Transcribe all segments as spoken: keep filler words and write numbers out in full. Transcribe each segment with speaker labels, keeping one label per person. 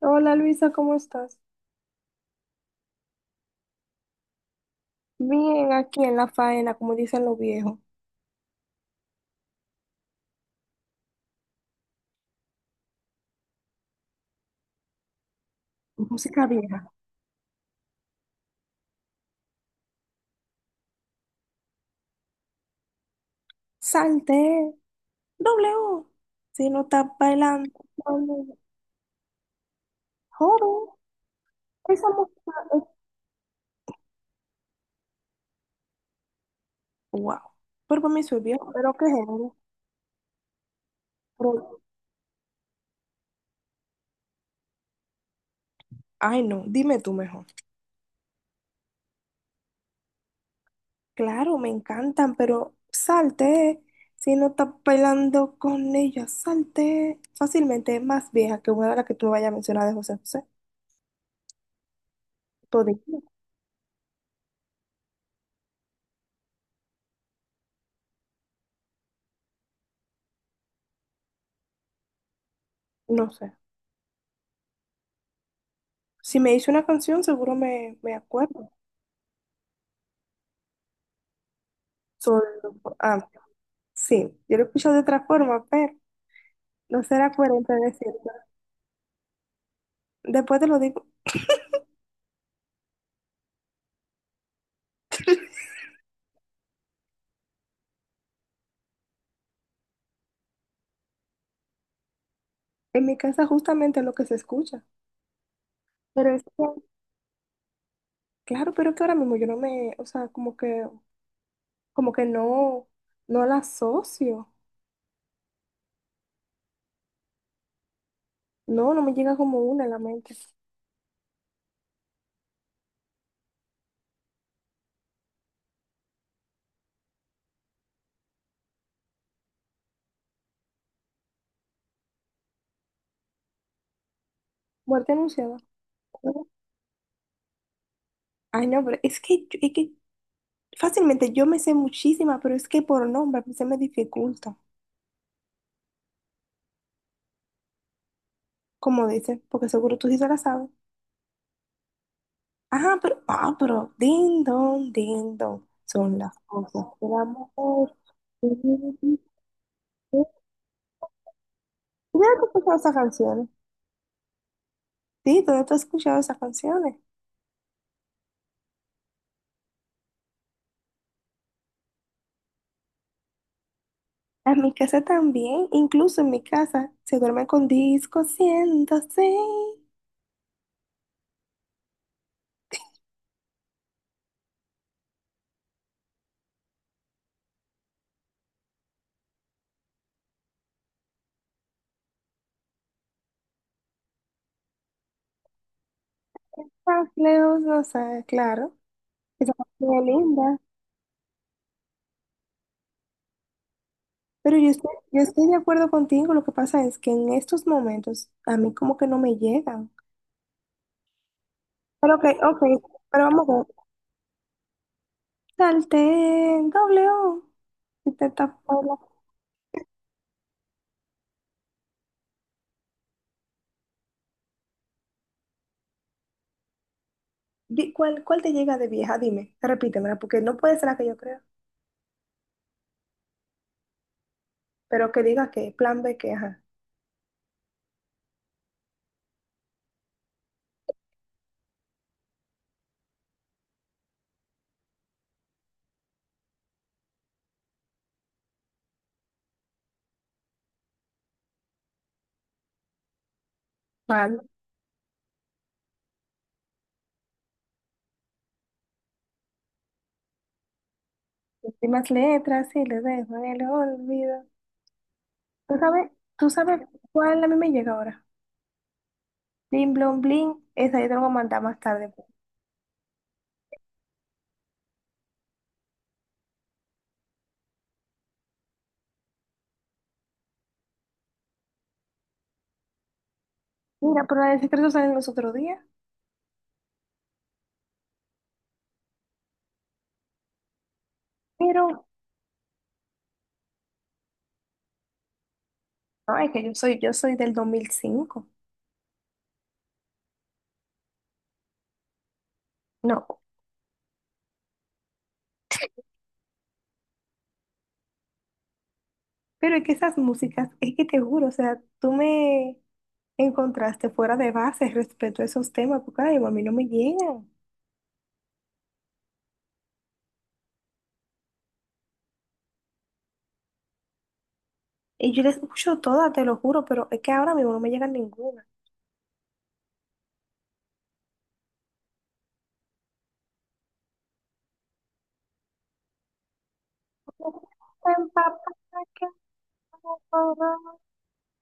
Speaker 1: Hola Luisa, ¿cómo estás? Bien, aquí en la faena, como dicen los viejos. Música vieja. Salte, doble O. Si no estás bailando, cuando- joro. Esa música es... Wow. Pero para mí soy viejo, pero qué género. Pero- Ay, no, dime tú mejor. Claro, me encantan, pero salte. Si no estás bailando con ella, salte. Fácilmente es más vieja que una de las que tú me vayas a mencionar de José José. Todavía, no sé. Si me hice una canción, seguro me, me acuerdo. Solo, ah, sí, yo lo escucho de otra forma, pero no será coherente decirlo. Después te lo digo. En mi casa justamente es lo que se escucha. Pero es que, claro, pero que ahora mismo yo no me, o sea, como que, como que no, no la asocio. No, no me llega como una en la mente. Muerte anunciada. Ay, no, pero es que, yo- es que fácilmente yo me sé muchísima, pero es que por nombre se me dificulta, como dice, porque seguro tú sí se la sabes. Ah, pero, ah, pero, ding dong, ding dong, son las cosas del amor. ¿Y ¿Dónde tú has escuchado esas canciones? Sí, ¿dónde tú has escuchado esas canciones? En mi casa también, incluso en mi casa, se duerme con disco ciento seis. Más lejos, no sé, claro. Esa canción es linda. Pero yo estoy, yo estoy de acuerdo contigo, lo que pasa es que en estos momentos a mí como que no me llegan. Pero ok, ok, pero vamos a ver. Salté, doble O. Y te tapó la- Di- ¿Cuál, cuál te llega de vieja? Dime, repítemela, porque no puede ser la que yo creo. Pero que diga que plan B, que ajá. Vale. Últimas letras y le dejo en el olvido. ¿Tú sabes, tú sabes cuál a mí me llega ahora? Bling, blon, bling. Esa yo te la voy a mandar más tarde. Mira, pero la del secreto sale los otros días. Pero, no, es que yo soy, yo soy del dos mil cinco. No, pero es que esas músicas, es que te juro, o sea, tú me encontraste fuera de base respecto a esos temas, porque ay, a mí no me llegan. Y yo les escucho todas, te lo juro, pero es que ahora mismo no me llegan ninguna.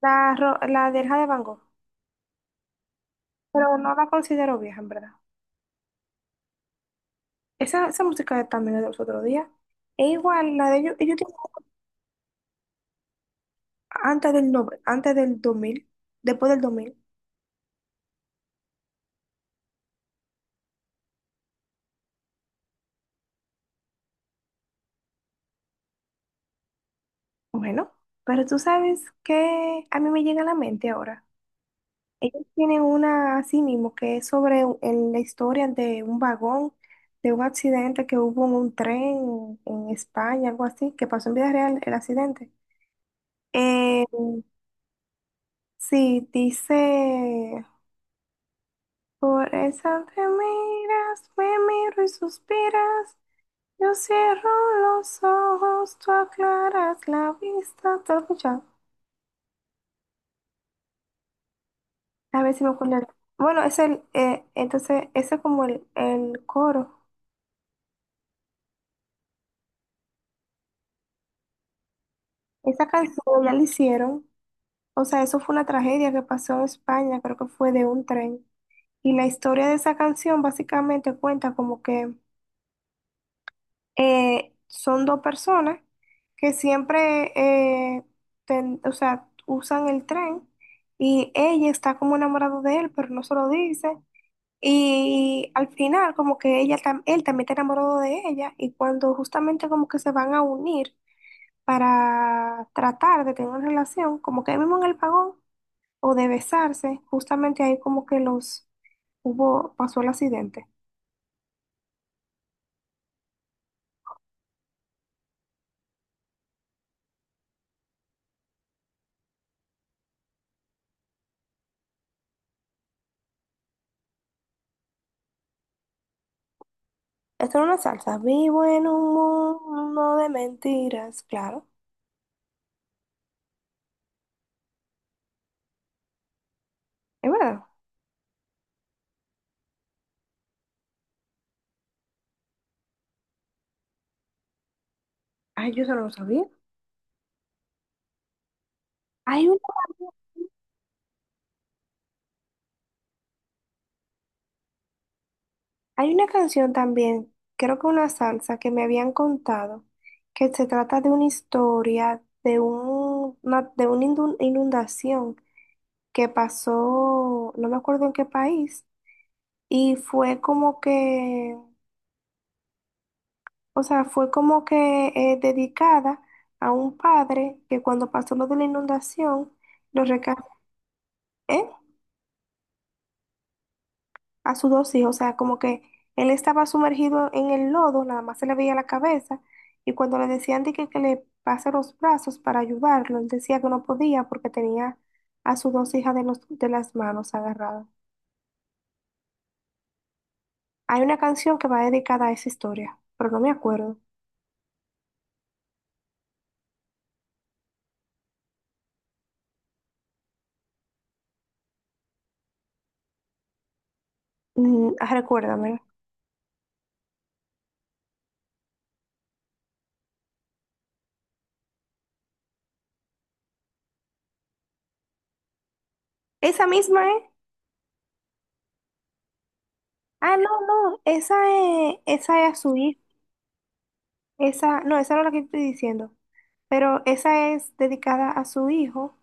Speaker 1: La, ro- la de Hija de Van Gogh, pero no la considero vieja, en verdad. Esa, esa música también es de los otros días. E igual, la de ellos, ellos tienen antes del, no- antes del dos mil, después del dos mil. Bueno, pero tú sabes que a mí me llega a la mente ahora. Ellos tienen una así mismo que es sobre u- en la historia de un vagón, de un accidente que hubo en un tren en España, algo así, que pasó en vida real el accidente. Eh, sí, dice, por esa te miras, me miro y suspiras, yo cierro los ojos, tú aclaras la vista, ¿te lo has escuchado? A ver si me acuerdo. Bueno, es el, eh, entonces, ese es como el, el coro. Esa canción ya la hicieron. O sea, eso fue una tragedia que pasó en España, creo que fue de un tren. Y la historia de esa canción básicamente cuenta como que eh, son dos personas que siempre, eh, ten- o sea, usan el tren y ella está como enamorada de él, pero no se lo dice. Y al final como que ella, tam- él también está enamorado de ella y cuando justamente como que se van a unir para tratar de tener una relación, como que ahí mismo en el vagón o de besarse, justamente ahí como que los hubo, pasó el accidente. Esto era una salsa. Vivo en un mundo de mentiras, claro. Es verdad. Ay, yo solo lo sabía. Hay una, hay una canción también, creo que una salsa que me habían contado, que se trata de una historia de un, una, de una indu- inundación que pasó, no me acuerdo en qué país, y fue como que, o sea, fue como que eh, dedicada a un padre que cuando pasó lo de la inundación, lo rescató a sus dos hijos. O sea, como que él estaba sumergido en el lodo, nada más se le veía la cabeza. Y cuando le decían de que, que le pase los brazos para ayudarlo, él decía que no podía porque tenía a sus dos hijas de, los, de las manos agarradas. Hay una canción que va dedicada a esa historia, pero no me acuerdo. Mm, recuérdamela. Esa misma, ¿eh? Ah, no, no, esa es, esa es a su hijo. Esa, no, esa no es la que estoy diciendo. Pero esa es dedicada a su hijo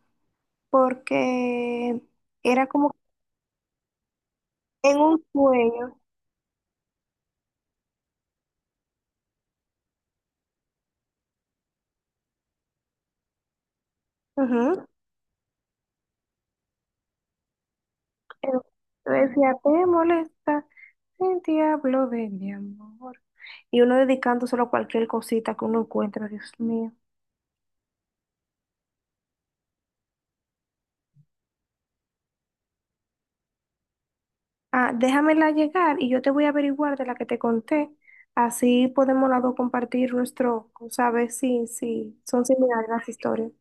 Speaker 1: porque era como en un sueño. Ujú. Pero yo decía, te molesta el diablo de mi amor. Y uno dedicándoselo a cualquier cosita que uno encuentra, Dios mío. Ah, déjamela llegar y yo te voy a averiguar de la que te conté. Así podemos las dos compartir nuestro, saber si, si son similares las historias.